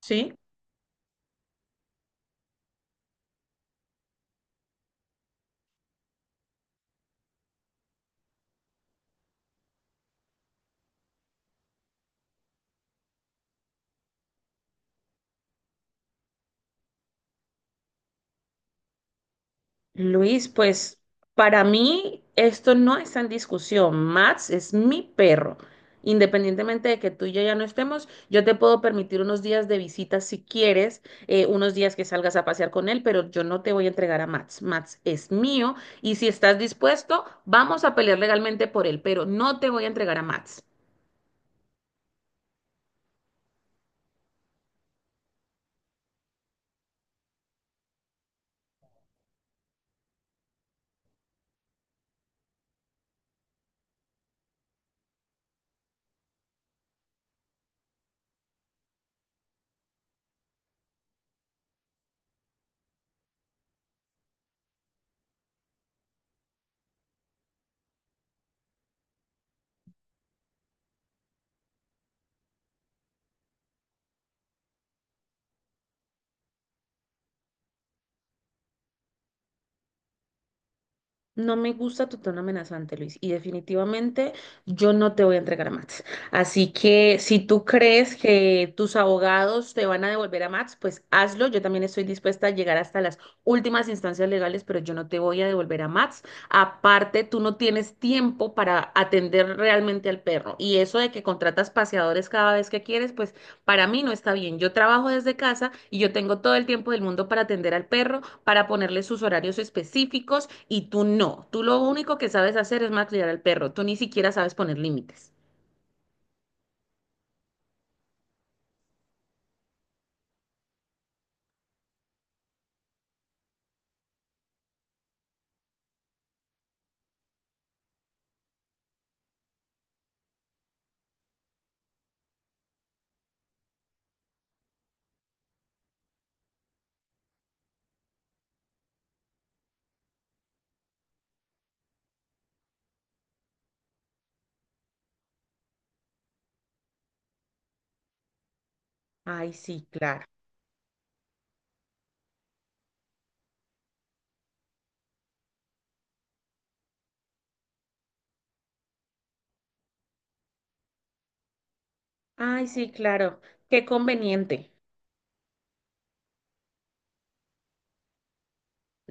Sí, Luis, pues para mí esto no está en discusión. Max es mi perro. Independientemente de que tú y yo ya no estemos, yo te puedo permitir unos días de visita si quieres, unos días que salgas a pasear con él, pero yo no te voy a entregar a Max. Max es mío, y si estás dispuesto, vamos a pelear legalmente por él, pero no te voy a entregar a Max. No me gusta tu tono amenazante, Luis, y definitivamente yo no te voy a entregar a Max. Así que si tú crees que tus abogados te van a devolver a Max, pues hazlo. Yo también estoy dispuesta a llegar hasta las últimas instancias legales, pero yo no te voy a devolver a Max. Aparte, tú no tienes tiempo para atender realmente al perro. Y eso de que contratas paseadores cada vez que quieres, pues para mí no está bien. Yo trabajo desde casa y yo tengo todo el tiempo del mundo para atender al perro, para ponerle sus horarios específicos, y tú no. Tú lo único que sabes hacer es malcriar al perro. Tú ni siquiera sabes poner límites. Ay, sí, claro. Ay, sí, claro. Qué conveniente.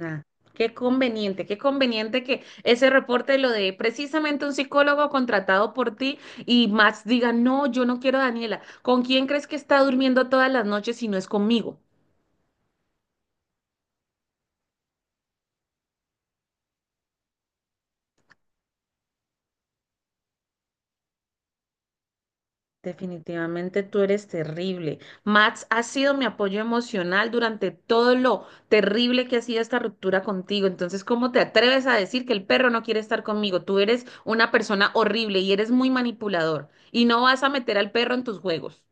Ah, qué conveniente que ese reporte lo de precisamente un psicólogo contratado por ti y Max diga, no, yo no quiero a Daniela. ¿Con quién crees que está durmiendo todas las noches si no es conmigo? Definitivamente tú eres terrible. Max ha sido mi apoyo emocional durante todo lo terrible que ha sido esta ruptura contigo. Entonces, ¿cómo te atreves a decir que el perro no quiere estar conmigo? Tú eres una persona horrible y eres muy manipulador y no vas a meter al perro en tus juegos.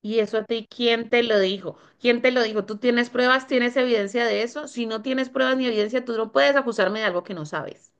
¿Y eso a ti quién te lo dijo? ¿Quién te lo dijo? ¿Tú tienes pruebas? ¿Tienes evidencia de eso? Si no tienes pruebas ni evidencia, tú no puedes acusarme de algo que no sabes.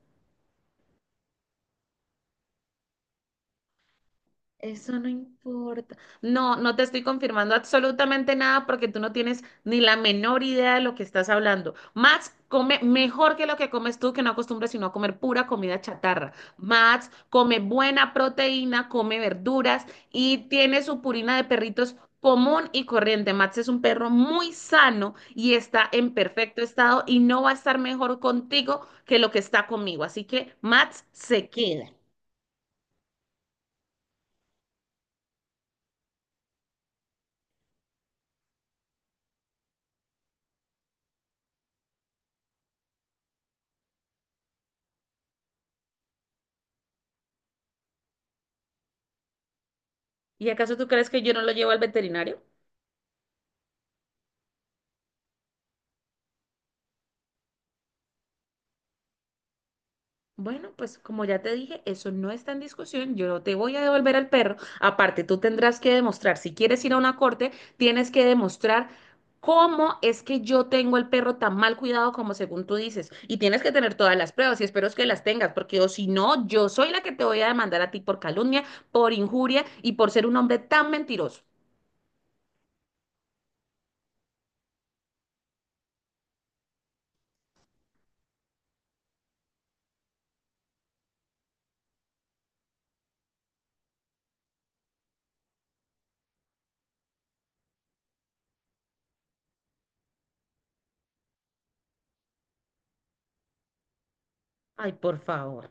Eso no importa. No, no te estoy confirmando absolutamente nada porque tú no tienes ni la menor idea de lo que estás hablando. Max come mejor que lo que comes tú, que no acostumbras sino a comer pura comida chatarra. Max come buena proteína, come verduras y tiene su purina de perritos común y corriente. Max es un perro muy sano y está en perfecto estado y no va a estar mejor contigo que lo que está conmigo. Así que Max se queda. ¿Y acaso tú crees que yo no lo llevo al veterinario? Bueno, pues como ya te dije, eso no está en discusión. Yo no te voy a devolver al perro. Aparte, tú tendrás que demostrar, si quieres ir a una corte, tienes que demostrar cómo es que yo tengo el perro tan mal cuidado como según tú dices. Y tienes que tener todas las pruebas y espero es que las tengas, porque o si no, yo soy la que te voy a demandar a ti por calumnia, por injuria y por ser un hombre tan mentiroso. Ay, por favor.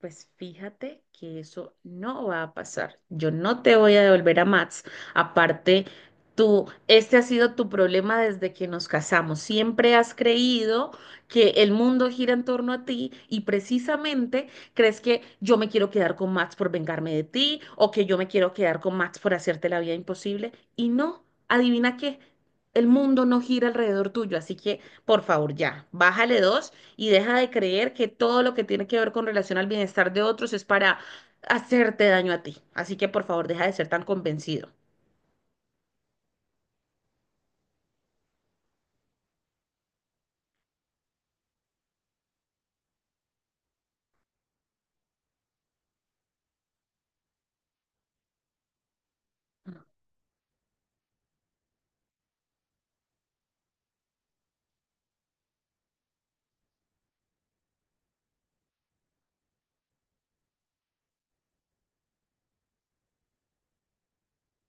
Pues fíjate que eso no va a pasar. Yo no te voy a devolver a Mats. Aparte, tú, este ha sido tu problema desde que nos casamos. Siempre has creído que el mundo gira en torno a ti y precisamente crees que yo me quiero quedar con Mats por vengarme de ti o que yo me quiero quedar con Mats por hacerte la vida imposible. Y no, adivina qué, el mundo no gira alrededor tuyo. Así que, por favor, ya, bájale dos y deja de creer que todo lo que tiene que ver con relación al bienestar de otros es para hacerte daño a ti. Así que por favor, deja de ser tan convencido.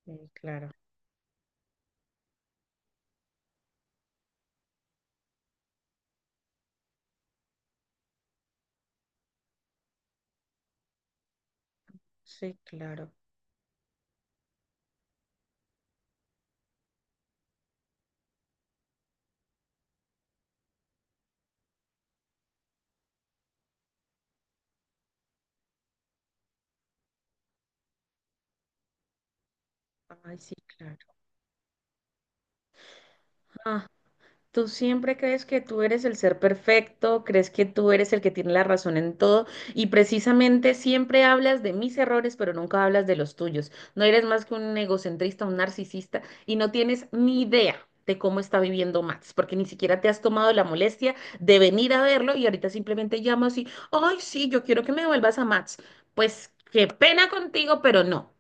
Sí, claro, sí, claro. Ay, sí, claro. Ah, tú siempre crees que tú eres el ser perfecto, crees que tú eres el que tiene la razón en todo y precisamente siempre hablas de mis errores, pero nunca hablas de los tuyos. No eres más que un egocentrista, un narcisista y no tienes ni idea de cómo está viviendo Max, porque ni siquiera te has tomado la molestia de venir a verlo y ahorita simplemente llamas y, ay, sí, yo quiero que me vuelvas a Max. Pues qué pena contigo, pero no.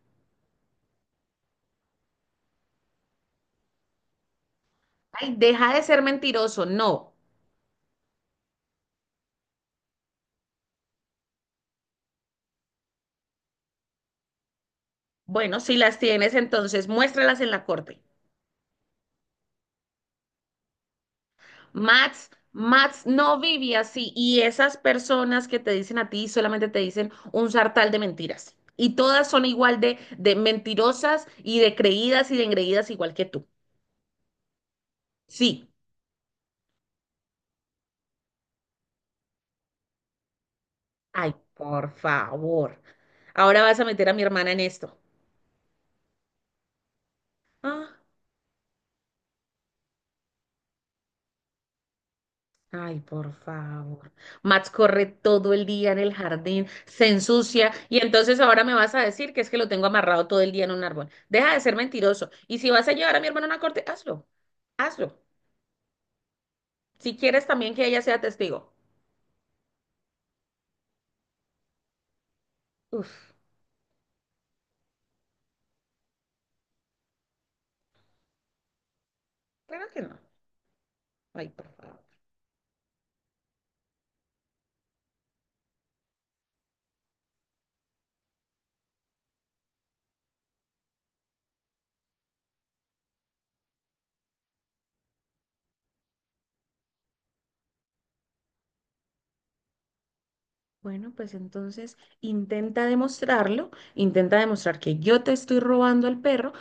Ay, deja de ser mentiroso, no. Bueno, si las tienes, entonces muéstralas en la corte. Max, Max no vive así. Y esas personas que te dicen a ti solamente te dicen un sartal de mentiras. Y todas son igual de mentirosas y de creídas y de engreídas igual que tú. Sí. Ay, por favor. Ahora vas a meter a mi hermana en esto. Ah. Ay, por favor. Max corre todo el día en el jardín, se ensucia y entonces ahora me vas a decir que es que lo tengo amarrado todo el día en un árbol. Deja de ser mentiroso. Y si vas a llevar a mi hermano a una corte, hazlo. Hazlo. Si quieres también que ella sea testigo. Uf, claro que no. Ay, por favor. Bueno, pues entonces intenta demostrarlo, intenta demostrar que yo te estoy robando al perro.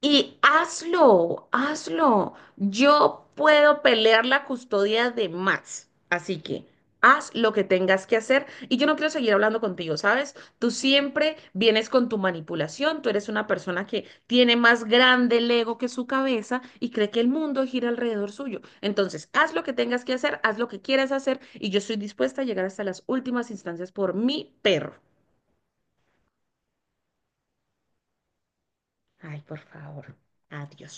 Y hazlo, hazlo. Yo puedo pelear la custodia de Max. Así que haz lo que tengas que hacer. Y yo no quiero seguir hablando contigo, ¿sabes? Tú siempre vienes con tu manipulación. Tú eres una persona que tiene más grande el ego que su cabeza y cree que el mundo gira alrededor suyo. Entonces, haz lo que tengas que hacer, haz lo que quieras hacer. Y yo estoy dispuesta a llegar hasta las últimas instancias por mi perro. Ay, por favor. Adiós.